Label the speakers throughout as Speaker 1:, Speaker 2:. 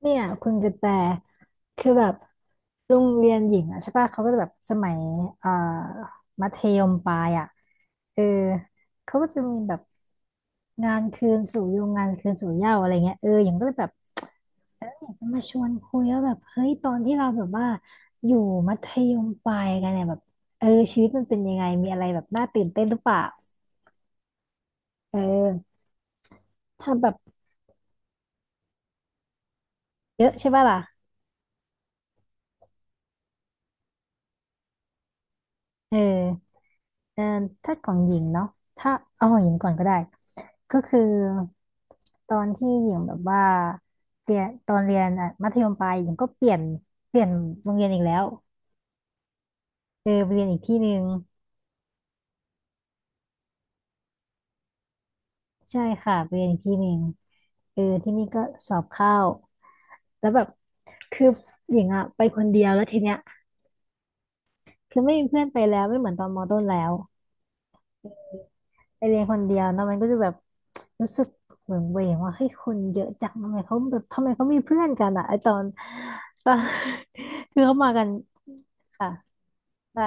Speaker 1: เนี่ยคุณกระแตคือแบบโรงเรียนหญิงอ่ะใช่ป่ะเขาก็จะแบบสมัยเอ่อมัธยมปลายอ่ะเออเขาก็จะมีแบบงานคืนสู่ยุงงานคืนสู่เหย้าอะไรเงี้ยเออหญิงก็เลยแบบอยากจะมาชวนคุยว่าแบบเฮ้ยตอนที่เราแบบว่าอยู่มัธยมปลายกันเนี่ยแบบเออชีวิตมันเป็นยังไงมีอะไรแบบน่าตื่นเต้นหรือเปล่าเออทำแบบเยอะใช่ป่ะล่ะเออ เออถ้าของหญิงเนาะ ถ้าเอาของหญิงก่อนก็ได้ ก็คือตอนที่หญิงแบบว่าเรียนตอนเรียนอ่ะมัธยมปลายหญิงก็เปลี่ยนโรงเรียนอีกแล้วเออไปเรียนอีกที่หนึ่งใช่ค่ะไปเรียนอีกที่หนึ่งเออที่นี่ก็สอบเข้าแล้วแบบคือหญิงอะไปคนเดียวแล้วทีเนี้ยคือไม่มีเพื่อนไปแล้วไม่เหมือนตอนมต้นแล้ว ไปเรียนคนเดียวเนอะมันก็จะแบบรู้สึกเหมือนเวงว่าเฮ้ยคนเยอะจังทำไมเขาแบบทำไมเขามีเพื่อนกันอะไอตอน คือเขามากันค่ะได้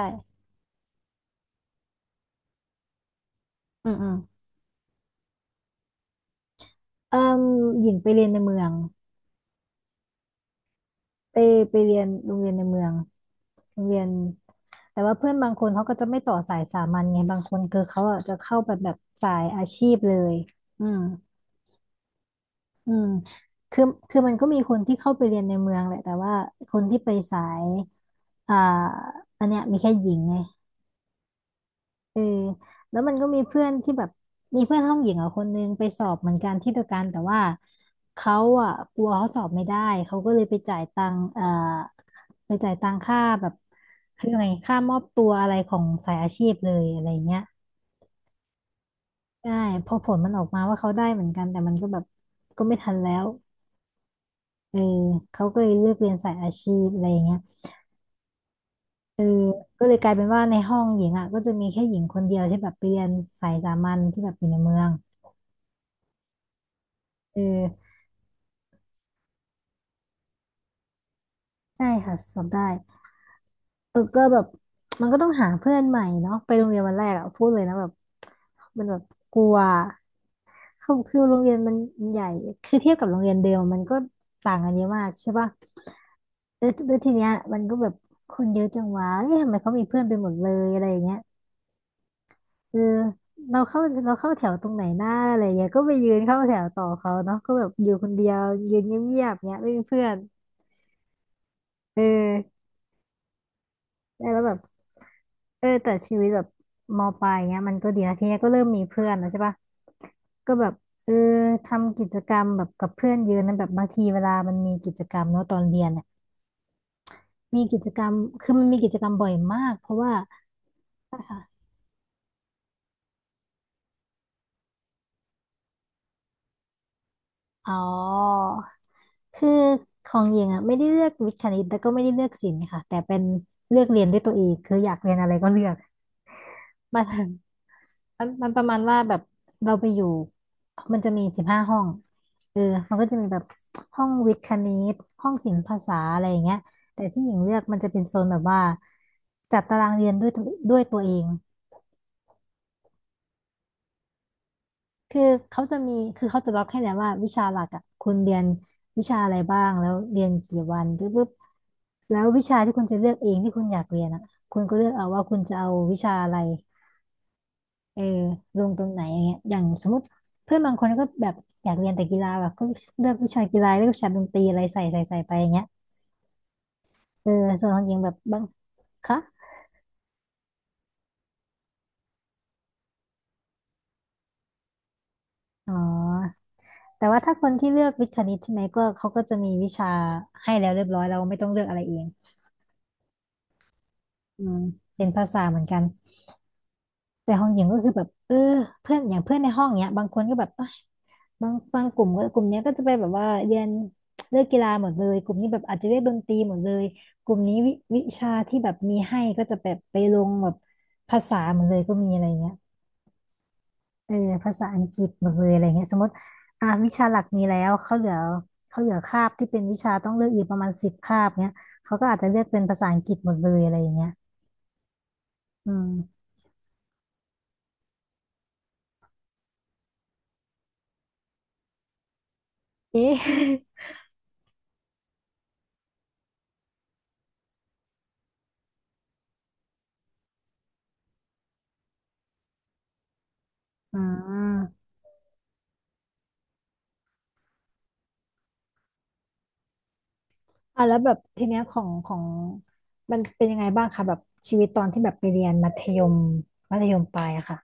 Speaker 1: อืมเอ่มหญิงไปเรียนในเมืองไปไปเรียนโรงเรียนในเมืองโรงเรียนแต่ว่าเพื่อนบางคนเขาก็จะไม่ต่อสายสามัญไงบางคนคือเขาอะจะเข้าแบบสายอาชีพเลยอืมอืมคือคือมันก็มีคนที่เข้าไปเรียนในเมืองแหละแต่ว่าคนที่ไปสาย อ่าอันเนี้ยมีแค่หญิงไงเออแล้วมันก็มีเพื่อนที่แบบมีเพื่อนห้องหญิงอ่ะคนนึงไปสอบเหมือนกันที่เดียวกันแต่ว่าเขาอ่ะกลัวเขาสอบไม่ได้เขาก็เลยไปจ่ายตังค์ไปจ่ายตังค่าแบบคืองไงค่ามอบตัวอะไรของสายอาชีพเลยอะไรเงี้ยใช่พอผลมันออกมาว่าเขาได้เหมือนกันแต่มันก็แบบก็ไม่ทันแล้วเออเขาก็เลยเลือกเรียนสายอาชีพอะไรเงี้ย เออก็เลยกลายเป็นว่าในห้องหญิงอ่ะก็จะมีแค่หญิงคนเดียวที่แบบไปเรียนสายสามัญที่แบบอยู่ในเมืองเออได้ค่ะสอบได้เออก็แบบมันก็ต้องหาเพื่อนใหม่เนาะไปโรงเรียนวันแรกอ่ะพูดเลยนะแบบมันแบบกลัวคือโรงเรียนมันใหญ่คือเทียบกับโรงเรียนเดิมมันก็ต่างกันเยอะมากใช่ป่ะแล้วทีเนี้ยมันก็แบบคนเยอะจังวะเอ๊ะทำไมเขามีเพื่อนไปหมดเลยอะไรอย่างเงี้ย เออเราเข้าเราเข้าแถวตรงไหนหน้าอะไรอย่างเงี้ยก็ไปยืนเข้าแถวต่อเขาเนาะก็แบบอยู่คนเดียวยืนเงียบๆเงี้ยไม่มีเพื่อนเออแล้วแบบเออแต่ชีวิตแบบมปลายเงี้ยมันก็ดีนะทีเนี้ยก็เริ่มมีเพื่อนแล้วใช่ปะก็แบบเออทำกิจกรรมแบบกับเพื่อนเยอะนะแบบบางทีเวลามันมีกิจกรรมเนาะตอนเรียนเนี่ยมีกิจกรรมคือมันมีกิจกรรมบ่อยมากเพราะว่าอ๋อ คือของหญิงอ่ะไม่ได้เลือกวิทย์คณิตแล้วก็ไม่ได้เลือกศิลป์ค่ะแต่เป็นเลือกเรียนด้วยตัวเองคืออยากเรียนอะไรก็เลือกมันมันประมาณว่าแบบเราไปอยู่มันจะมี15 ห้องเออมันก็จะมีแบบห้องวิทย์คณิตห้องศิลป์ภาษาอะไรอย่างเงี้ยแต่ที่หญิงเลือกมันจะเป็นโซนแบบว่าจัดตารางเรียนด้วยตัวเอง คือคือเขาจะล็อกให้แล้วว่าวิชาหลักอ่ะคุณเรียนวิชาอะไรบ้างแล้วเรียนกี่วันปุ๊บปุ๊บแล้ววิชาที่คุณจะเลือกเองที่คุณอยากเรียนอ่ะคุณก็เลือกเอาว่าคุณจะเอาวิชาอะไรเออลงตรงไหนอย่างเงี้ยอย่างสมมติเพื่อนบางคนก็แบบอยากเรียนแต่กีฬาแบบก็เลือกวิชากีฬาเลือกวิชาดนตรีอะไรใส่ไปอย่างเงี้ยเออส่วนของหญิงแบบบางคะอ๋อแต่ว่าถ้าคนที่เลือกวิทย์คณิตใช่ไหมก็เขาก็จะมีวิชาให้แล้วเรียบร้อยเราไม่ต้องเลือกอะไรเอง อืมเรียนภาษาเหมือนกัน แต่ของหญิงก็คือแบบเพื่อนอย่างเพื่อนในห้องเนี้ยบางคนก็แบบเอ้ยบางกลุ่มก็กลุ่มเนี้ยก็จะไปแบบว่าเรียนเลือกกีฬาหมดเลยกลุ่มนี้แบบอาจจะเรียกดนตรีหมดเลยกลุ่มนี้วิชาที่แบบมีให้ก็จะแบบไปลงแบบภาษาหมดเลยก็มีอะไรเงี้ยเออภาษาอังกฤษหมดเลยอะไรเงี้ยสมมติอ่าวิชาหลักมีแล้วเขาเหลือคาบที่เป็นวิชาต้องเลือกอีกประมาณสิบคาบเนี้ยเขาก็อาจจะเลือกเป็นภาษาอังกฤษหมดเลยอะไรอย่างเงี้ยอืมเอ๊ะ อ่า อ่ะแล้วแบบทีเนี้ยของมันเป็นยังไงบ้างคะแบบชีวิตตอนที่แบบไปเรียนมัธยมปลายอะค่ะ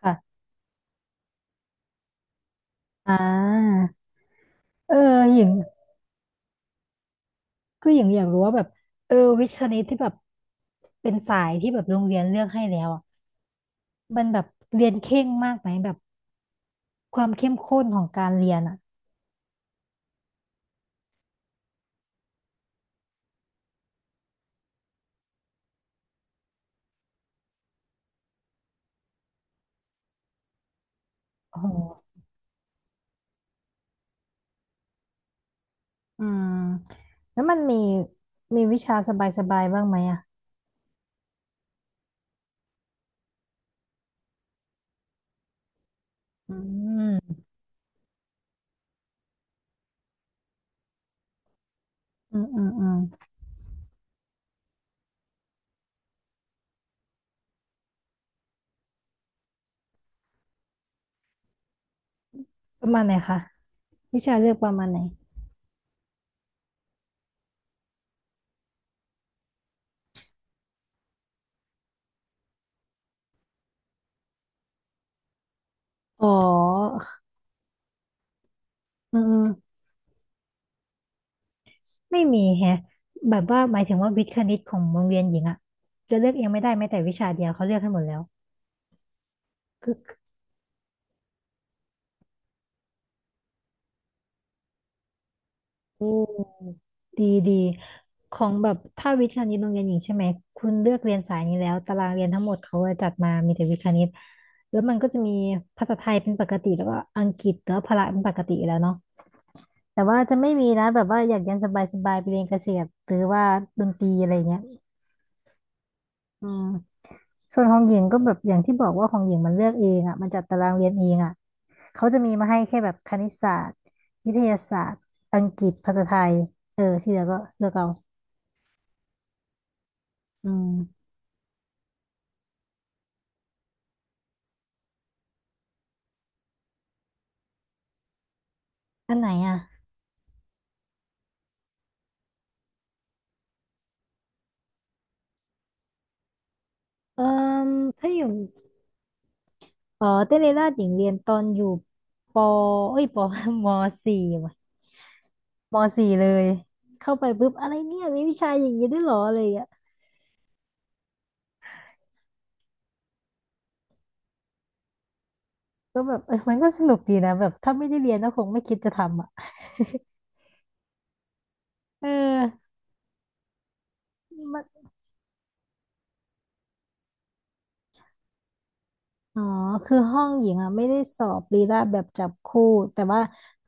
Speaker 1: ค่ะอ่าเออหญิงก็หญิงอยากรู้ว่าแบบเออวิทย์คณิตที่แบบเป็นสายที่แบบโรงเรียนเลือกให้แล้วอะมันแบบเรียนเคร่งมากไหมแบบความเข้มข้นของการเรียนอะโอ้โหอืมแล้วมันมีมีวิชาสบายๆบ้างไหมอะอืมอืมอืมอืมประมาณไหนคะวิชาเลือกประมาณไหนอ๋อ เออไม่มีแฮะแบบว่าหมายถึงว่าวิทย์คณิตของโรงเรียนหญิงอะจะเลือกเองไม่ได้แม้แต่วิชาเดียวเขาเลือกให้หมดแล้วคือโอืดีดีของแบบถ้าวิทย์คณิตโรงเรียนหญิงใช่ไหมคุณเลือกเรียนสายนี้แล้วตารางเรียนทั้งหมดเขาจะจัดมามีแต่วิทย์คณิตแล้วมันก็จะมีภาษาไทยเป็นปกติแล้วก็อังกฤษแล้วพละเป็นปกติอยู่แล้วเนาะแต่ว่าจะไม่มีนะแบบว่าอยากเรียนสบายๆไปเรียนเกษตรหรือว่าดนตรีอะไรเงี้ยอืม ส่วนของหญิงก็แบบอย่างที่บอกว่าของหญิงมันเลือกเองอ่ะมันจัดตารางเรียนเองอ่ะเขาจะมีมาให้แค่แบบคณิตศาสตร์วิทยาศาสตร์อังกฤษภาษาไทยเออที่เหลือก็เลือกเอาอืมอันไหนอ่ะเอ่อถ้าอยู่อ๋อเต้นเลราชหญิงเรียนตอนอยู่ปอเอ้ยปอ มสี่ว่ะมสี่เลยเข้าไปปุ๊บอะไรเนี่ยมีวิชาอย่างนี้ด้วยเหรออะไรอย่างเงี้ยก็แบบเออมันก็สนุกดีนะแบบถ้าไม่ได้เรียนก็คงไม่คิดจะทำอ่ะ เออ อ๋อคือห้องหญิงอ่ะไม่ได้สอบลีลาแบบจับคู่แต่ว่า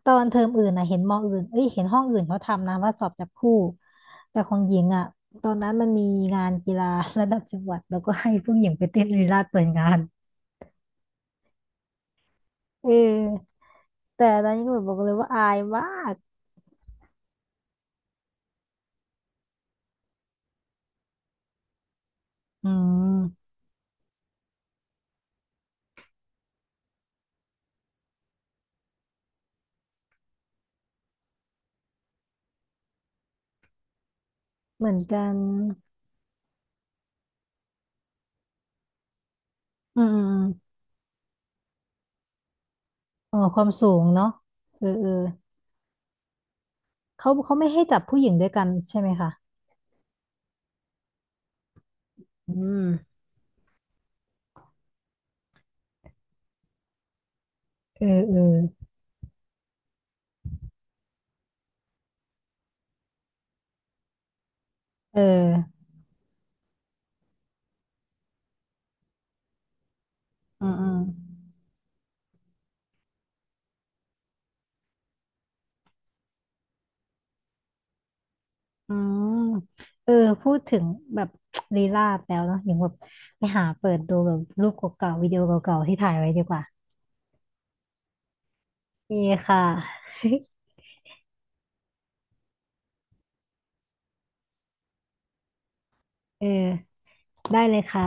Speaker 1: ตอนเทอมอื่นอ่ะเห็นมออื่นเอ้ยเห็นห้องอื่นเขาทำนะว่าสอบจับคู่แต่ของหญิงอ่ะตอนนั้นมันมีงานกีฬาระดับจังหวัดแล้วก็ให้ผู้หญิงไปเต้นลีลาเปิดงานเออแต่ตอนนี้ก็แบบบอกเลยว่าอายมากอืมเหมือนกันอืมอมอมอ๋อความสูงเนาะเออเออเขาเขาไม่ให้จับผู้หญิงด้วยกันใช่ไหมคะอืมเออเออเอออืมอืม อืมเออพูดถึงแบบ ลีลาดแล้วเนาะอย่างแบบไปหาเปิดดูแบบรูปเก่าๆวิดีโอเก่าๆที่ถ่ายไว้ดีกว่ามีค่ะ เออได้เลยค่ะ